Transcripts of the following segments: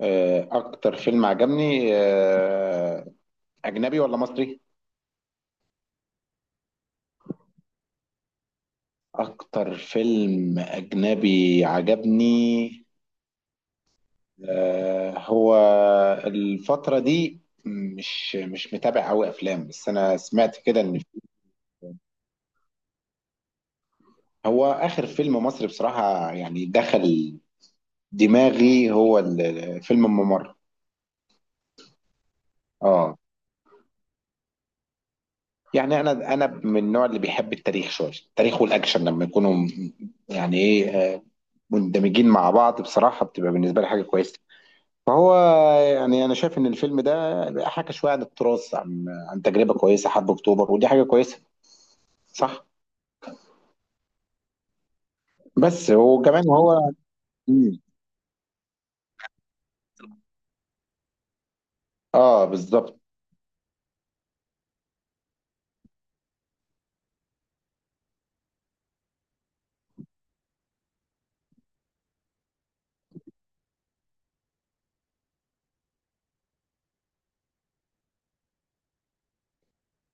اكتر فيلم عجبني اجنبي ولا مصري؟ اكتر فيلم اجنبي عجبني. هو الفترة دي مش متابع قوي افلام، بس انا سمعت كده ان هو اخر فيلم مصري بصراحة يعني دخل دماغي هو فيلم الممر. اه. يعني انا من النوع اللي بيحب التاريخ، شوية التاريخ والاكشن لما يكونوا يعني ايه، مندمجين مع بعض، بصراحة بتبقى بالنسبة لي حاجة كويسة. فهو يعني أنا شايف إن الفيلم ده حكى شوية عن التراث، عن تجربة كويسة، حرب أكتوبر، ودي حاجة كويسة، صح؟ بس وكمان هو مم. آه بالظبط.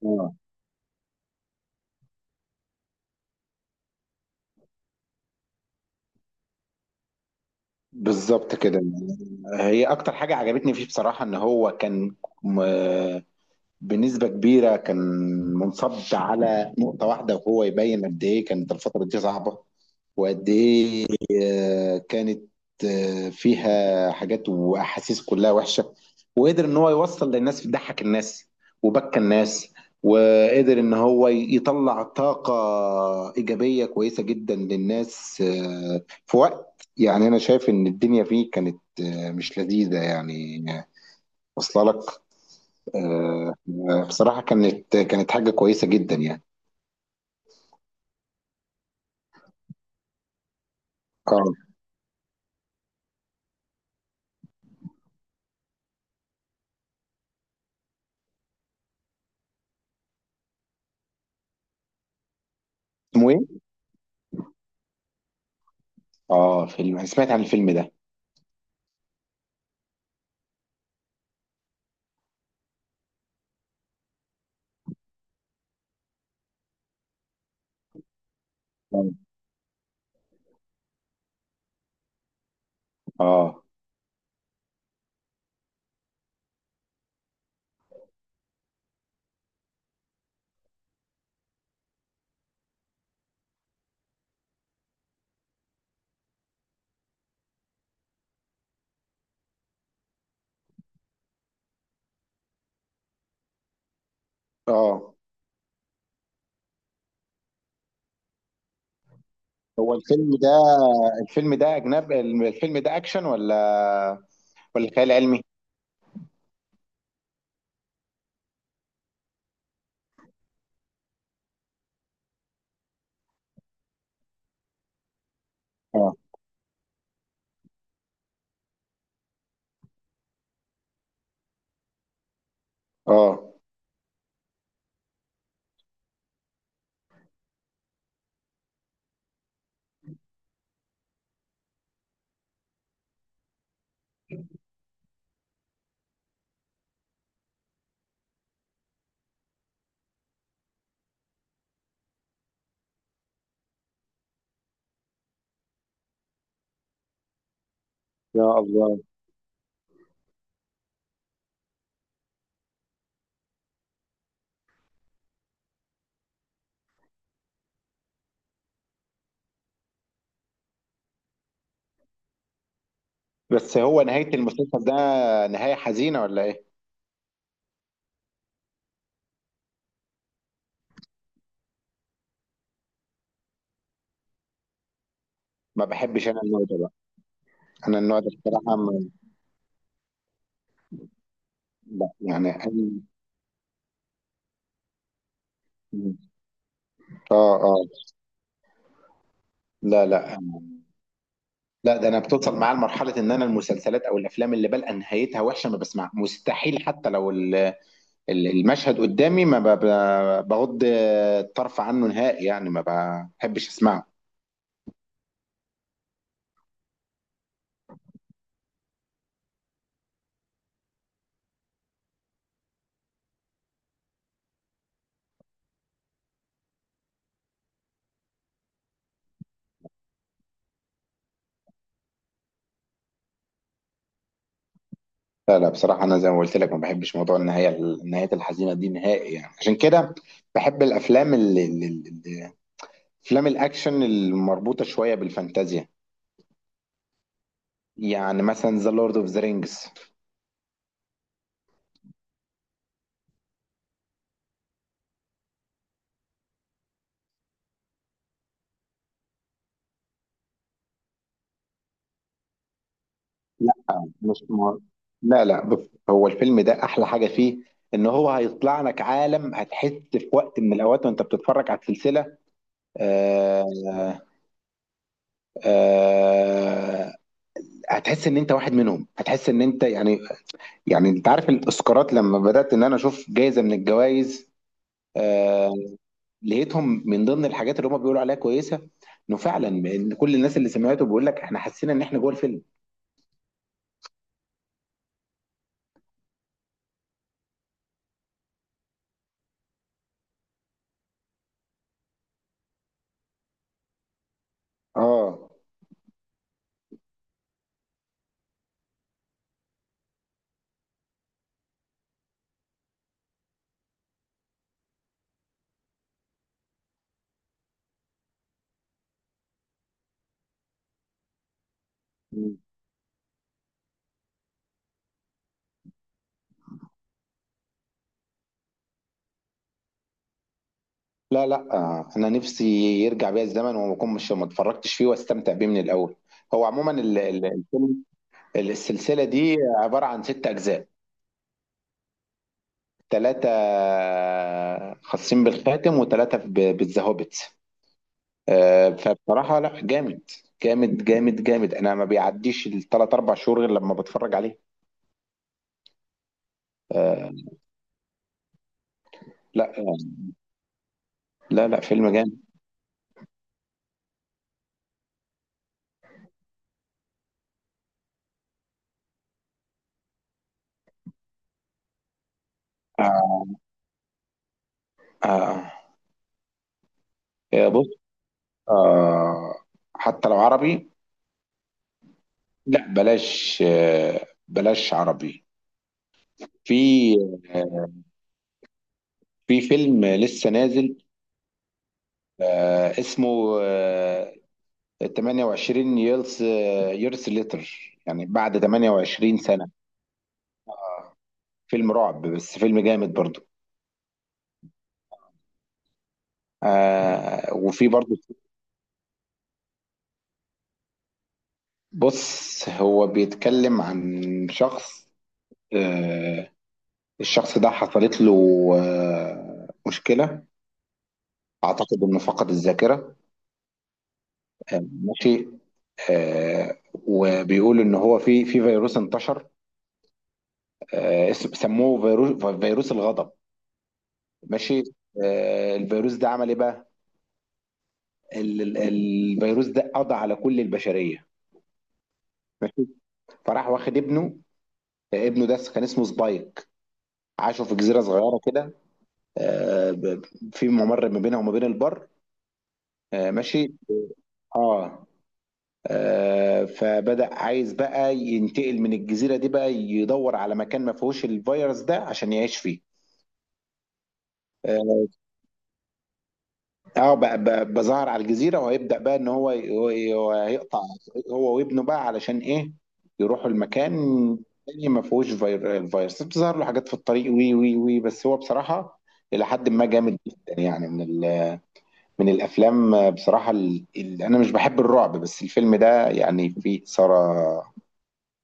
آه بالظبط كده. هي أكتر حاجة عجبتني فيه بصراحة إن هو كان، م- بنسبة كبيرة كان منصب على نقطة واحدة، وهو يبين قد إيه كانت الفترة دي صعبة، وقد إيه كانت فيها حاجات واحاسيس كلها وحشه، وقدر ان هو يوصل للناس، ضحك الناس وبكى الناس، وقدر ان هو يطلع طاقه ايجابيه كويسه جدا للناس، في وقت يعني انا شايف ان الدنيا فيه كانت مش لذيذه يعني. واصله لك. آه، بصراحه كانت حاجه كويسه جدا يعني. اه. اسمه ايه؟ اه، فيلم انا سمعت عن الفيلم ده. اه. اه. هو الفيلم ده، الفيلم ده أجنب الفيلم ده أكشن ولا ولا خيال علمي؟ اه. اه. يا الله. بس هو نهاية المسلسل ده، نهاية حزينة ولا إيه؟ ما بحبش أنا النوع ده بقى. أنا النوع ده بصراحة ما- لا يعني اه، اه. لا لا. لا ده انا بتوصل معايا لمرحله ان انا المسلسلات او الافلام اللي بلقى نهايتها وحشه ما بسمع، مستحيل، حتى لو المشهد قدامي ما ب- ب- بغض الطرف عنه نهائي، يعني ما بحبش اسمعه. لا لا، بصراحة أنا زي ما قلت لك ما بحبش موضوع النهاية، الحزينة دي نهائي، يعني عشان كده بحب الأفلام أفلام الأكشن المربوطة شوية بالفانتازيا. يعني مثلا ذا لورد أوف ذا رينجز. لا مش مار. لا لا، بص، هو الفيلم ده أحلى حاجة فيه إن هو هيطلع لك عالم، هتحس في وقت من الأوقات وأنت بتتفرج على السلسلة آه آه آه، هتحس إن أنت واحد منهم، هتحس إن أنت يعني، يعني انت عارف الاسكارات لما بدات ان انا اشوف جايزه من الجوائز، آه، لقيتهم من ضمن الحاجات اللي هم بيقولوا عليها كويسه، انه فعلا ان كل الناس اللي سمعته بيقول لك احنا حسينا ان احنا جوه الفيلم. اه. لا لا، انا نفسي يرجع بيا الزمن وما اكون مش ما اتفرجتش فيه، واستمتع بيه من الاول. هو عموما الفيلم، السلسله دي، عباره عن ست اجزاء، ثلاثه خاصين بالخاتم وثلاثه بالذهبت. فبصراحة لا، جامد جامد، انا ما بيعديش الثلاث اربع شهور غير لما بتفرج عليه. آه، لا لا، لا فيلم جامد. آه، آه، بص، آه، حتى لو عربي، لا بلاش، بلاش عربي. في، آه، في فيلم لسه نازل، اسمه 28 يرس، يرس ليتر، يعني بعد 28 سنة. فيلم رعب، بس فيلم جامد برضو. وفي برضو، بص، هو بيتكلم عن شخص، آه، الشخص ده حصلت له مشكلة، أعتقد إنه فقد الذاكرة. ماشي. وبيقول إن هو في فيروس انتشر، سموه فيروس، فيروس الغضب. ماشي. الفيروس ده عمل إيه بقى؟ الفيروس ده قضى على كل البشرية. ماشي. فراح واخد ابنه، ابنه ده كان اسمه سبايك، عاشوا في جزيرة صغيرة كده، آه، ب- في ممر ما بينها وما بين البر. ماشي. اه. فبدأ عايز بقى ينتقل من الجزيرة دي، بقى يدور على مكان ما فيهوش الفيروس ده عشان يعيش فيه. اه. بقى ظهر على الجزيرة، وهيبدأ بقى ان هو هيقطع، هو وابنه، بقى علشان ايه؟ يروحوا المكان تاني ما فيهوش الفيروس. بتظهر له حاجات في الطريق، وي وي وي بس هو بصراحة إلى حد ما جامد جدا، يعني من من الافلام بصراحه، اللي انا مش بحب الرعب، بس الفيلم ده يعني فيه اثاره،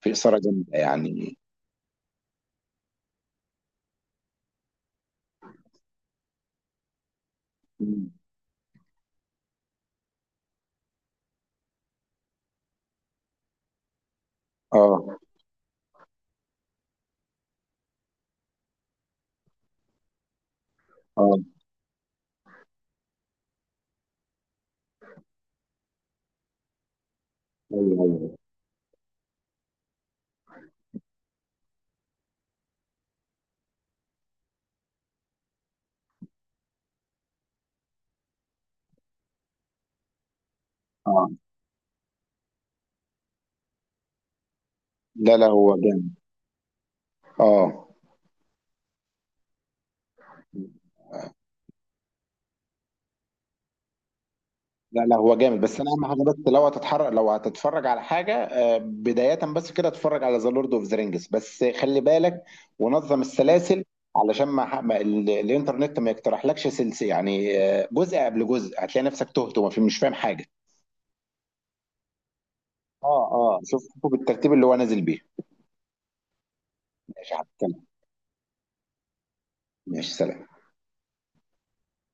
فيه اثاره جامده يعني. مم. اه. اه. ايوه ايوه. اه. لا لا، هو جامد. اه. لا لا، هو جامد، بس انا اهم حاجه، بس لو هتتحرك، لو هتتفرج على حاجه، بدايه بس كده، اتفرج على ذا لورد اوف ذا رينجز، بس خلي بالك ونظم السلاسل، علشان ما, ح- ما ال- الانترنت ما يقترحلكش سلسله يعني، جزء قبل جزء، هتلاقي نفسك تهت ومش فاهم حاجه. اه اه، شوفوا بالترتيب اللي هو نازل بيه. ماشي، هتكلم. ماشي، سلام.